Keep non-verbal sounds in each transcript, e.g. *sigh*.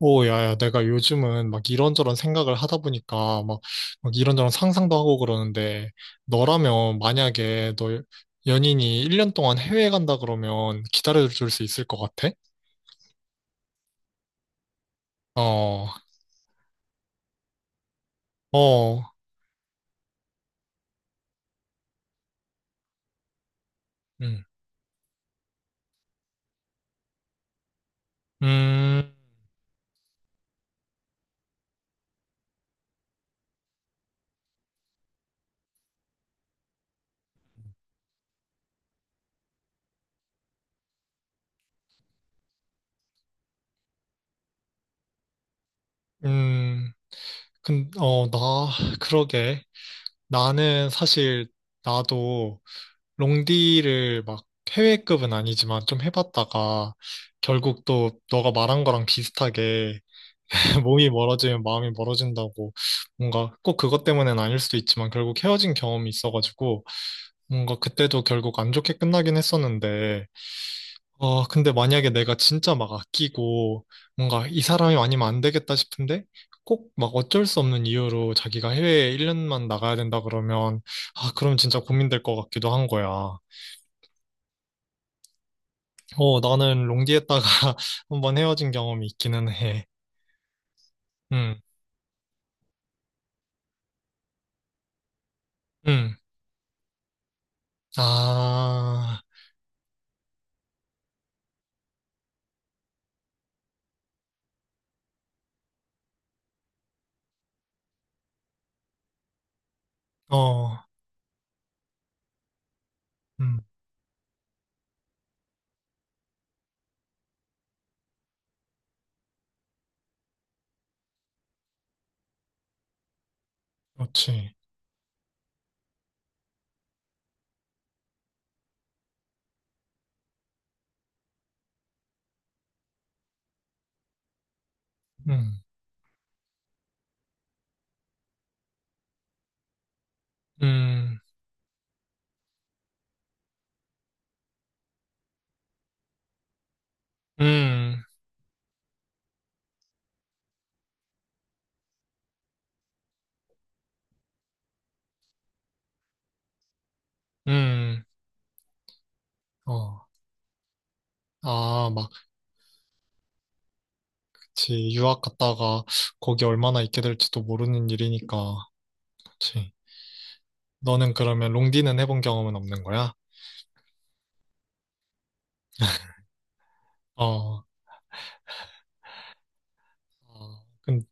오, 야, 야, 내가 요즘은 막 이런저런 생각을 하다 보니까 막 이런저런 상상도 하고 그러는데, 너라면 만약에 너 연인이 1년 동안 해외에 간다 그러면 기다려줄 수 있을 것 같아? 어, 어. 음. 음. 음. 근, 어, 나, 그러게. 나는 사실, 나도 롱디를 막 해외급은 아니지만 좀 해봤다가, 결국 또 너가 말한 거랑 비슷하게 *laughs* 몸이 멀어지면 마음이 멀어진다고, 뭔가 꼭 그것 때문는 아닐 수도 있지만 결국 헤어진 경험이 있어가지고, 뭔가 그때도 결국 안 좋게 끝나긴 했었는데. 근데 만약에 내가 진짜 막 아끼고 뭔가 이 사람이 아니면 안 되겠다 싶은데, 꼭 막 어쩔 수 없는 이유로 자기가 해외에 1년만 나가야 된다 그러면, 아 그럼 진짜 고민될 것 같기도 한 거야. 나는 롱디에다가 *laughs* 한번 헤어진 경험이 있기는 해. 음. 음. 아. 어. 음. 그렇지. 음. 음. 음. 음. 어. 아, 막, 그치. 유학 갔다가 거기 얼마나 있게 될지도 모르는 일이니까. 그치. 너는 그러면 롱디는 해본 경험은 없는 거야? 어, 어.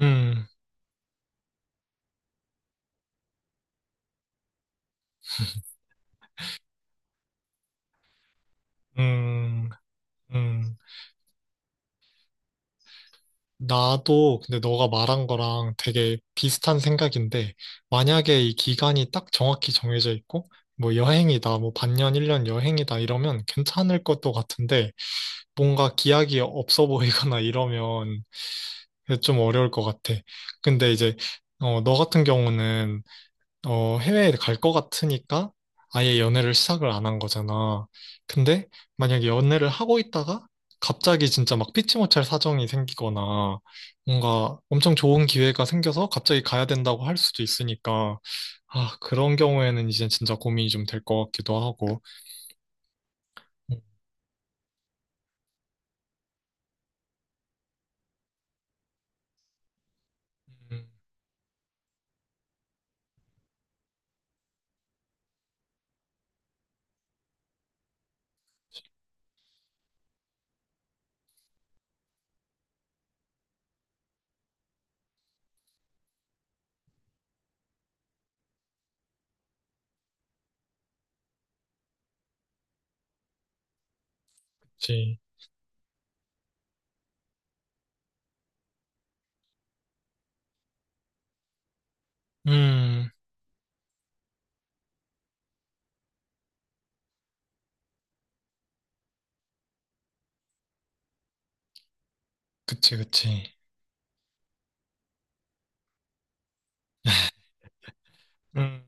음. 음. 음. 나도 근데 너가 말한 거랑 되게 비슷한 생각인데, 만약에 이 기간이 딱 정확히 정해져 있고, 뭐 여행이다, 뭐 반년, 1년 여행이다 이러면 괜찮을 것도 같은데, 뭔가 기약이 없어 보이거나 이러면 좀 어려울 것 같아. 근데 이제 너 같은 경우는, 해외에 갈 것 같으니까 아예 연애를 시작을 안 한 거잖아. 근데 만약에 연애를 하고 있다가 갑자기 진짜 막 피치 못할 사정이 생기거나 뭔가 엄청 좋은 기회가 생겨서 갑자기 가야 된다고 할 수도 있으니까, 아, 그런 경우에는 이제 진짜 고민이 좀 될 것 같기도 하고. 음. 음. 그치. 음. 그치, 그치. 음. 음.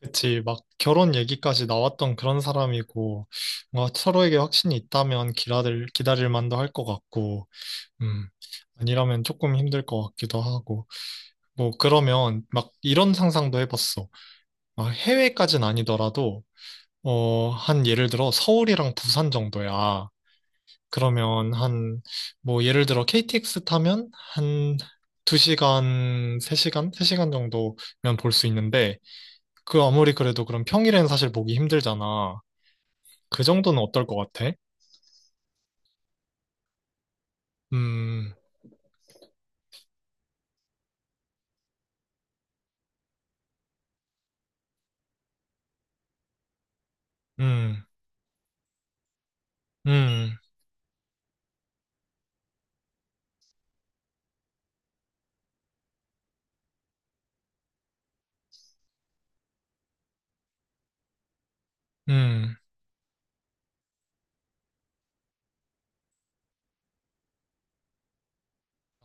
그치. 막 결혼 얘기까지 나왔던 그런 사람이고, 뭔가 서로에게 확신이 있다면 기다릴 만도 할 것 같고, 음, 아니라면 조금 힘들 것 같기도 하고. 뭐, 그러면 막 이런 상상도 해봤어. 막 해외까진 아니더라도, 한 예를 들어 서울이랑 부산 정도야. 그러면 한, 뭐, 예를 들어 KTX 타면 한 2시간, 세 시간 3시간 정도면 볼 수 있는데, 그 아무리 그래도 그럼 평일엔 사실 보기 힘들잖아. 그 정도는 어떨 것 같아? 음. 음. 음. 음.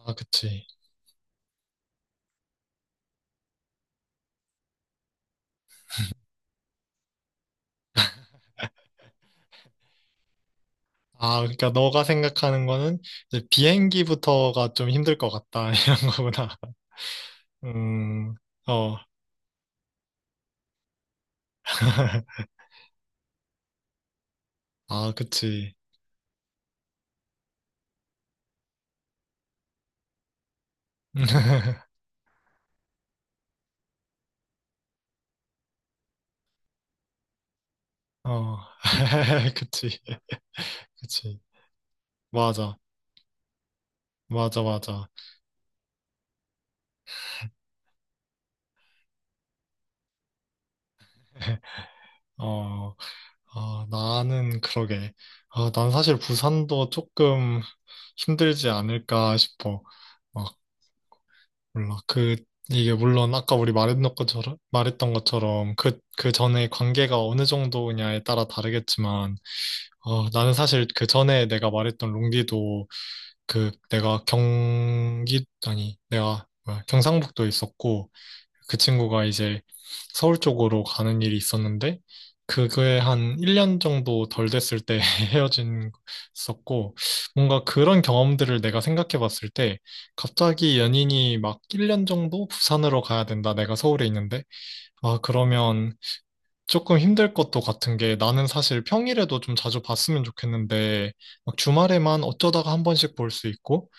아, 그치. 아, 그러니까 너가 생각하는 거는 이제 비행기부터가 좀 힘들 것 같다 *laughs* 이런 거구나. 음. 어. *laughs* 아, 그치. *laughs* 어. *laughs* 그치, 그치. 맞아, 맞아, 맞아. *laughs* 어. 아, 나는 그러게. 아, 난 사실 부산도 조금 힘들지 않을까 싶어. 막 몰라, 그 이게 물론 아까 우리 말했던 것처럼 그 전에 관계가 어느 정도냐에 따라 다르겠지만, 나는 사실 그 전에 내가 말했던 롱디도, 그 내가 경기 아니 내가 뭐야, 경상북도에 있었고 그 친구가 이제 서울 쪽으로 가는 일이 있었는데, 그게 한 1년 정도 덜 됐을 때 *laughs* 헤어진 있었고. 뭔가 그런 경험들을 내가 생각해 봤을 때, 갑자기 연인이 막 1년 정도 부산으로 가야 된다, 내가 서울에 있는데. 아 그러면 조금 힘들 것도 같은 게, 나는 사실 평일에도 좀 자주 봤으면 좋겠는데 막 주말에만 어쩌다가 한 번씩 볼 수 있고,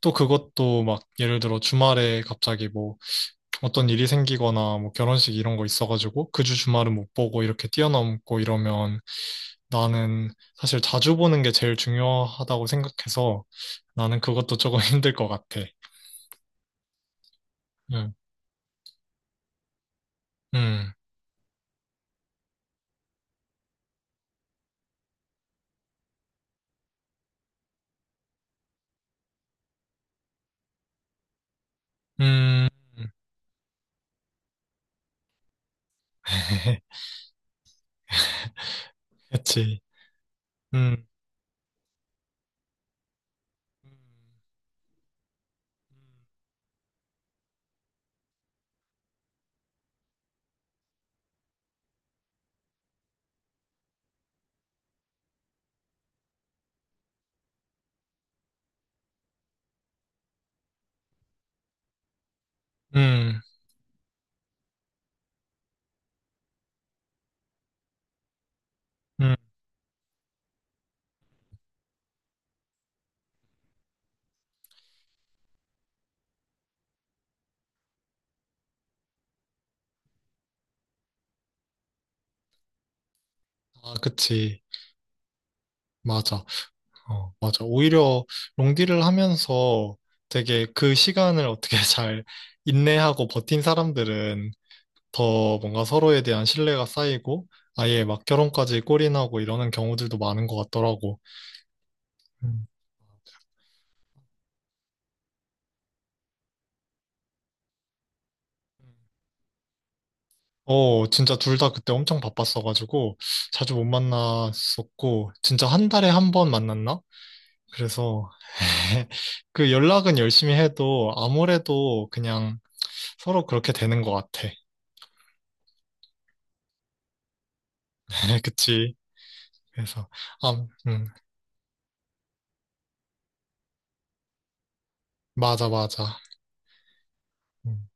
또 그것도 막 예를 들어 주말에 갑자기 뭐 어떤 일이 생기거나 뭐 결혼식 이런 거 있어가지고 그 주 주말은 못 보고 이렇게 뛰어넘고 이러면, 나는 사실 자주 보는 게 제일 중요하다고 생각해서 나는 그것도 조금 *laughs* 힘들 것 같아. 응. 음. 음. *laughs* 그치. 음. 음. 음. 음. 아, 그치. 맞아. 어, 맞아. 오히려 롱디를 하면서 되게 그 시간을 어떻게 *laughs* 잘 인내하고 버틴 사람들은 더 뭔가 서로에 대한 신뢰가 쌓이고 아예 막 결혼까지 골인하고 이러는 경우들도 많은 것 같더라고. 음. 어, 진짜 둘 다 그때 엄청 바빴어가지고 자주 못 만났었고, 진짜 한 달에 한 번 만났나? 그래서 *laughs* 그 연락은 열심히 해도 아무래도 그냥 서로 그렇게 되는 것 같아. *laughs* 그치? 그래서. 아. 음. 맞아, 맞아. 음.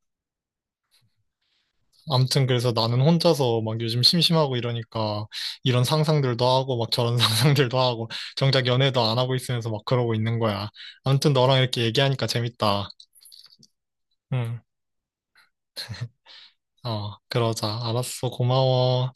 아무튼 그래서 나는 혼자서 막 요즘 심심하고 이러니까 이런 상상들도 하고 막 저런 *laughs* 상상들도 하고 정작 연애도 안 하고 있으면서 막 그러고 있는 거야. 아무튼 너랑 이렇게 얘기하니까 재밌다. 응. 어, 그러자. 알았어. 고마워.